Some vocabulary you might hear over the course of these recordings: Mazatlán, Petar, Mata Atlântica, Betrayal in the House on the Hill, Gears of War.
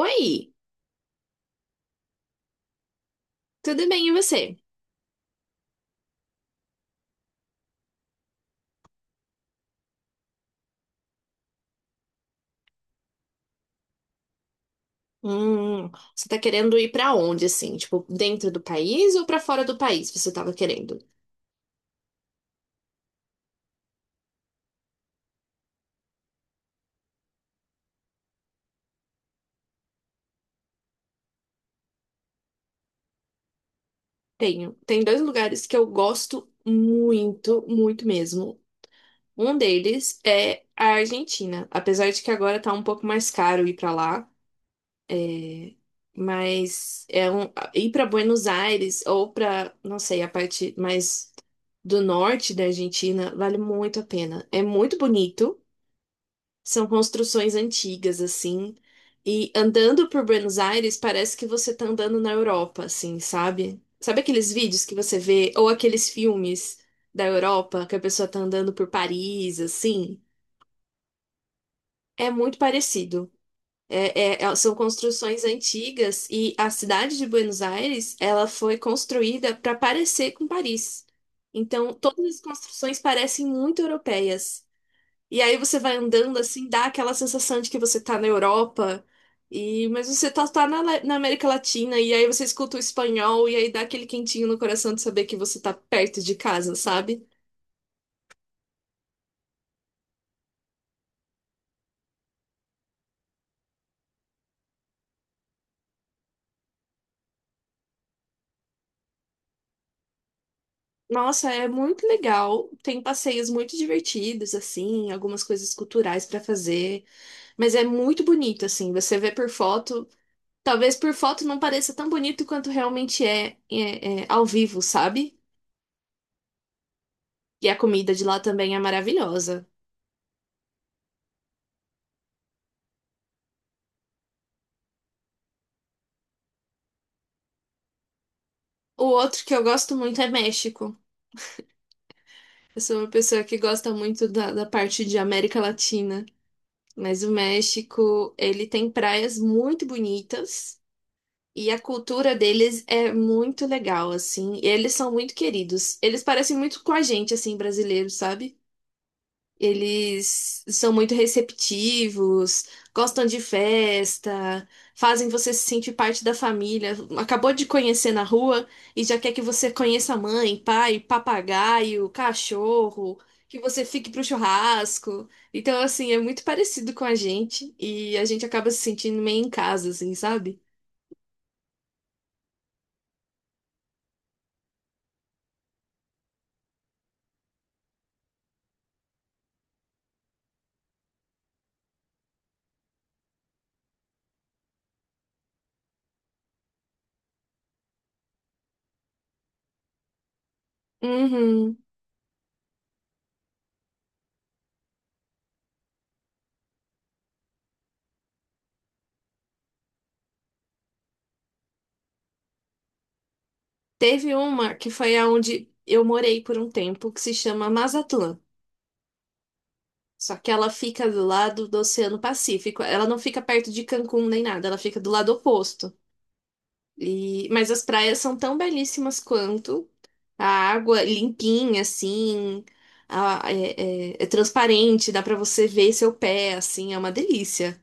Oi, tudo bem e você? Hum, Você tá querendo ir pra onde assim? Tipo, dentro do país ou pra fora do país você tava querendo? Tenho. Tem dois lugares que eu gosto muito, muito mesmo. Um deles é a Argentina, apesar de que agora tá um pouco mais caro ir pra lá, é, mas é um ir pra Buenos Aires ou pra, não sei, a parte mais do norte da Argentina vale muito a pena. É muito bonito. São construções antigas, assim. E andando por Buenos Aires, parece que você tá andando na Europa, assim, sabe? Sabe aqueles vídeos que você vê, ou aqueles filmes da Europa, que a pessoa tá andando por Paris, assim? É muito parecido. São construções antigas e a cidade de Buenos Aires, ela foi construída para parecer com Paris. Então, todas as construções parecem muito europeias. E aí você vai andando assim, dá aquela sensação de que você tá na Europa, e mas você tá, na América Latina, e aí você escuta o espanhol, e aí dá aquele quentinho no coração de saber que você tá perto de casa, sabe? Nossa, é muito legal. Tem passeios muito divertidos, assim, algumas coisas culturais pra fazer, mas é muito bonito, assim. Você vê por foto, talvez por foto não pareça tão bonito quanto realmente é ao vivo, sabe? E a comida de lá também é maravilhosa. O outro que eu gosto muito é México. Eu sou uma pessoa que gosta muito da parte de América Latina, mas o México, ele tem praias muito bonitas e a cultura deles é muito legal, assim. E eles são muito queridos. Eles parecem muito com a gente, assim, brasileiro, sabe? Eles são muito receptivos, gostam de festa, fazem você se sentir parte da família. Acabou de conhecer na rua e já quer que você conheça a mãe, pai, papagaio, cachorro, que você fique pro churrasco. Então, assim, é muito parecido com a gente e a gente acaba se sentindo meio em casa, assim, sabe? Uhum. Teve uma que foi aonde eu morei por um tempo, que se chama Mazatlán. Só que ela fica do lado do Oceano Pacífico. Ela não fica perto de Cancún nem nada, ela fica do lado oposto. E mas as praias são tão belíssimas quanto. A água limpinha, assim, é transparente, dá pra você ver seu pé, assim, é uma delícia.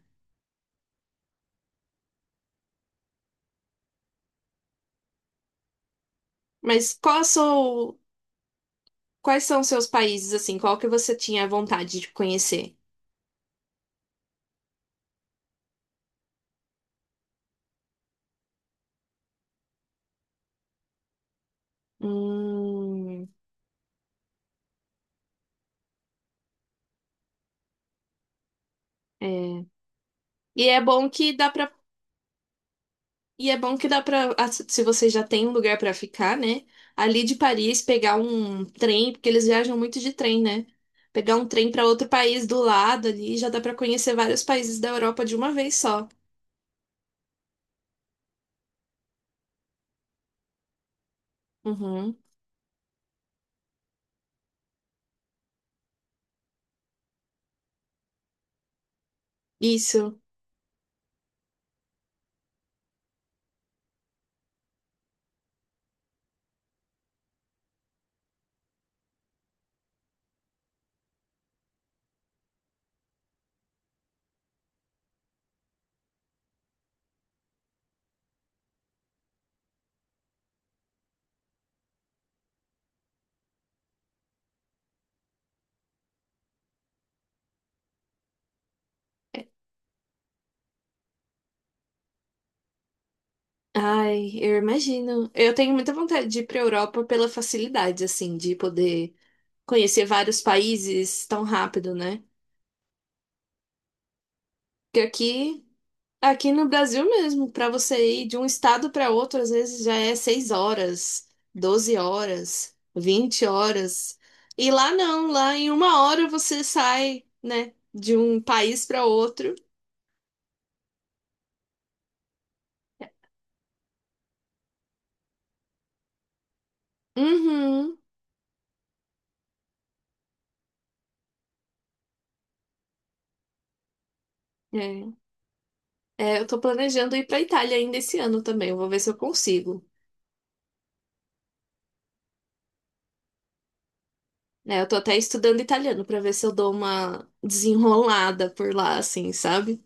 Mas qual sou... Quais são os seus países, assim? Qual que você tinha vontade de conhecer? Hum, é. E é bom que dá pra E é bom que dá pra, ah, se você já tem um lugar pra ficar, né? Ali de Paris, pegar um trem, porque eles viajam muito de trem, né? Pegar um trem pra outro país do lado ali, já dá pra conhecer vários países da Europa de uma vez só. Uhum. Isso. Ai, eu imagino. Eu tenho muita vontade de ir pra Europa pela facilidade, assim, de poder conhecer vários países tão rápido, né? Porque aqui Aqui no Brasil mesmo, para você ir de um estado para outro, às vezes já é 6 horas, 12 horas, 20 horas. E lá não, lá em uma hora você sai, né, de um país para outro. Uhum. É. É, eu tô planejando ir para Itália ainda esse ano também, eu vou ver se eu consigo. É, eu tô até estudando italiano para ver se eu dou uma desenrolada por lá, assim, sabe?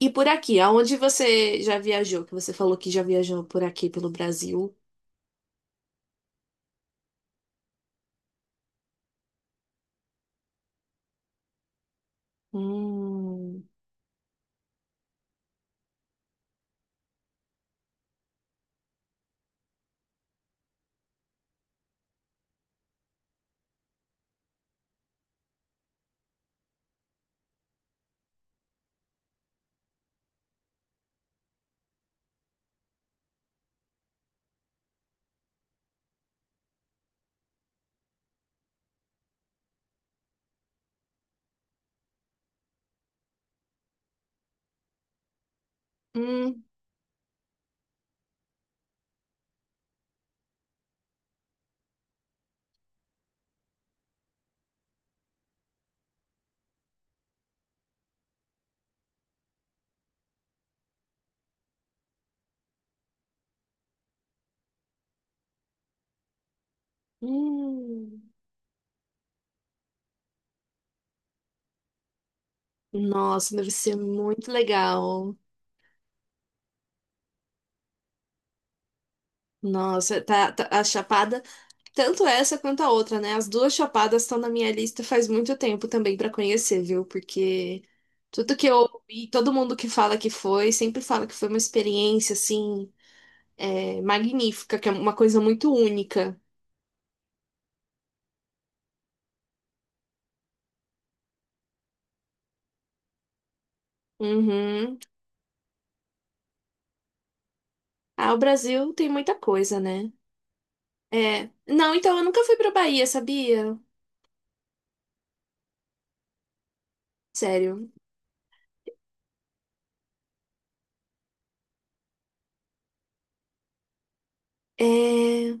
E por aqui, aonde você já viajou? Que você falou que já viajou por aqui pelo Brasil. Hum, hum, hum. Nossa, deve ser muito legal. Nossa, a Chapada, tanto essa quanto a outra, né? As duas Chapadas estão na minha lista faz muito tempo também pra conhecer, viu? Porque tudo que eu ouvi, todo mundo que fala que foi, sempre fala que foi uma experiência, assim, magnífica, que é uma coisa muito única. Uhum. Ah, o Brasil tem muita coisa, né? É. Não, então eu nunca fui pra Bahia, sabia? Sério. É.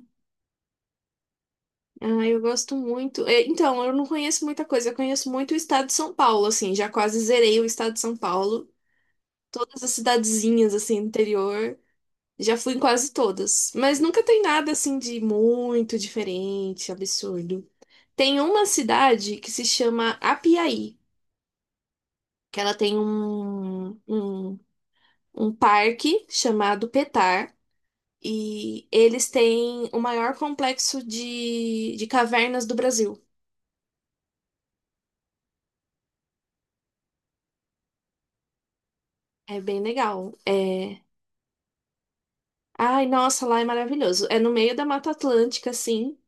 Ah, eu gosto muito. É, então, eu não conheço muita coisa. Eu conheço muito o estado de São Paulo, assim. Já quase zerei o estado de São Paulo. Todas as cidadezinhas, assim, do interior. Já fui em quase todas. Mas nunca tem nada, assim, de muito diferente, absurdo. Tem uma cidade que se chama Apiaí, que ela tem um, um parque chamado Petar. E eles têm o maior complexo de cavernas do Brasil. É bem legal. É Ai, nossa, lá é maravilhoso. É no meio da Mata Atlântica, assim.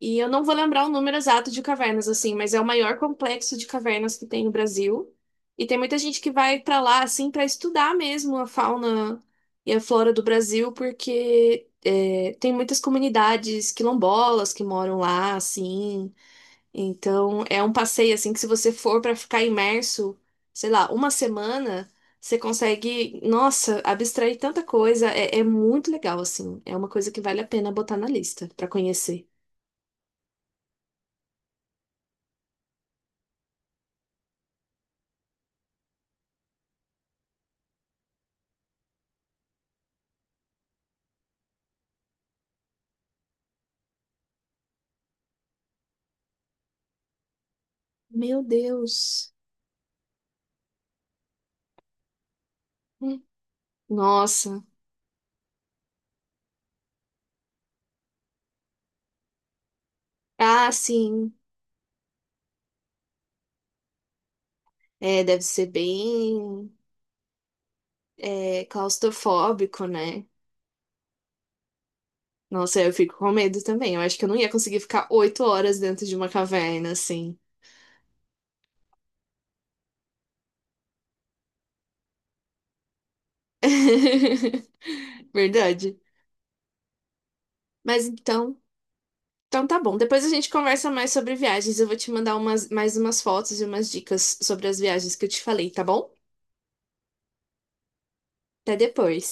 E eu não vou lembrar o número exato de cavernas, assim, mas é o maior complexo de cavernas que tem no Brasil. E tem muita gente que vai pra lá, assim, pra estudar mesmo a fauna e a flora do Brasil, porque é, tem muitas comunidades quilombolas que moram lá, assim. Então, é um passeio assim que se você for para ficar imerso, sei lá, uma semana, você consegue, nossa, abstrair tanta coisa. É, é muito legal, assim. É uma coisa que vale a pena botar na lista para conhecer. Meu Deus. Hum. Nossa. Ah, sim. É, deve ser bem, é, claustrofóbico, né? Nossa, eu fico com medo também. Eu acho que eu não ia conseguir ficar 8 horas dentro de uma caverna, assim. Verdade. Mas então, então tá bom. Depois a gente conversa mais sobre viagens. Eu vou te mandar umas, mais umas fotos e umas dicas sobre as viagens que eu te falei, tá bom? Até depois.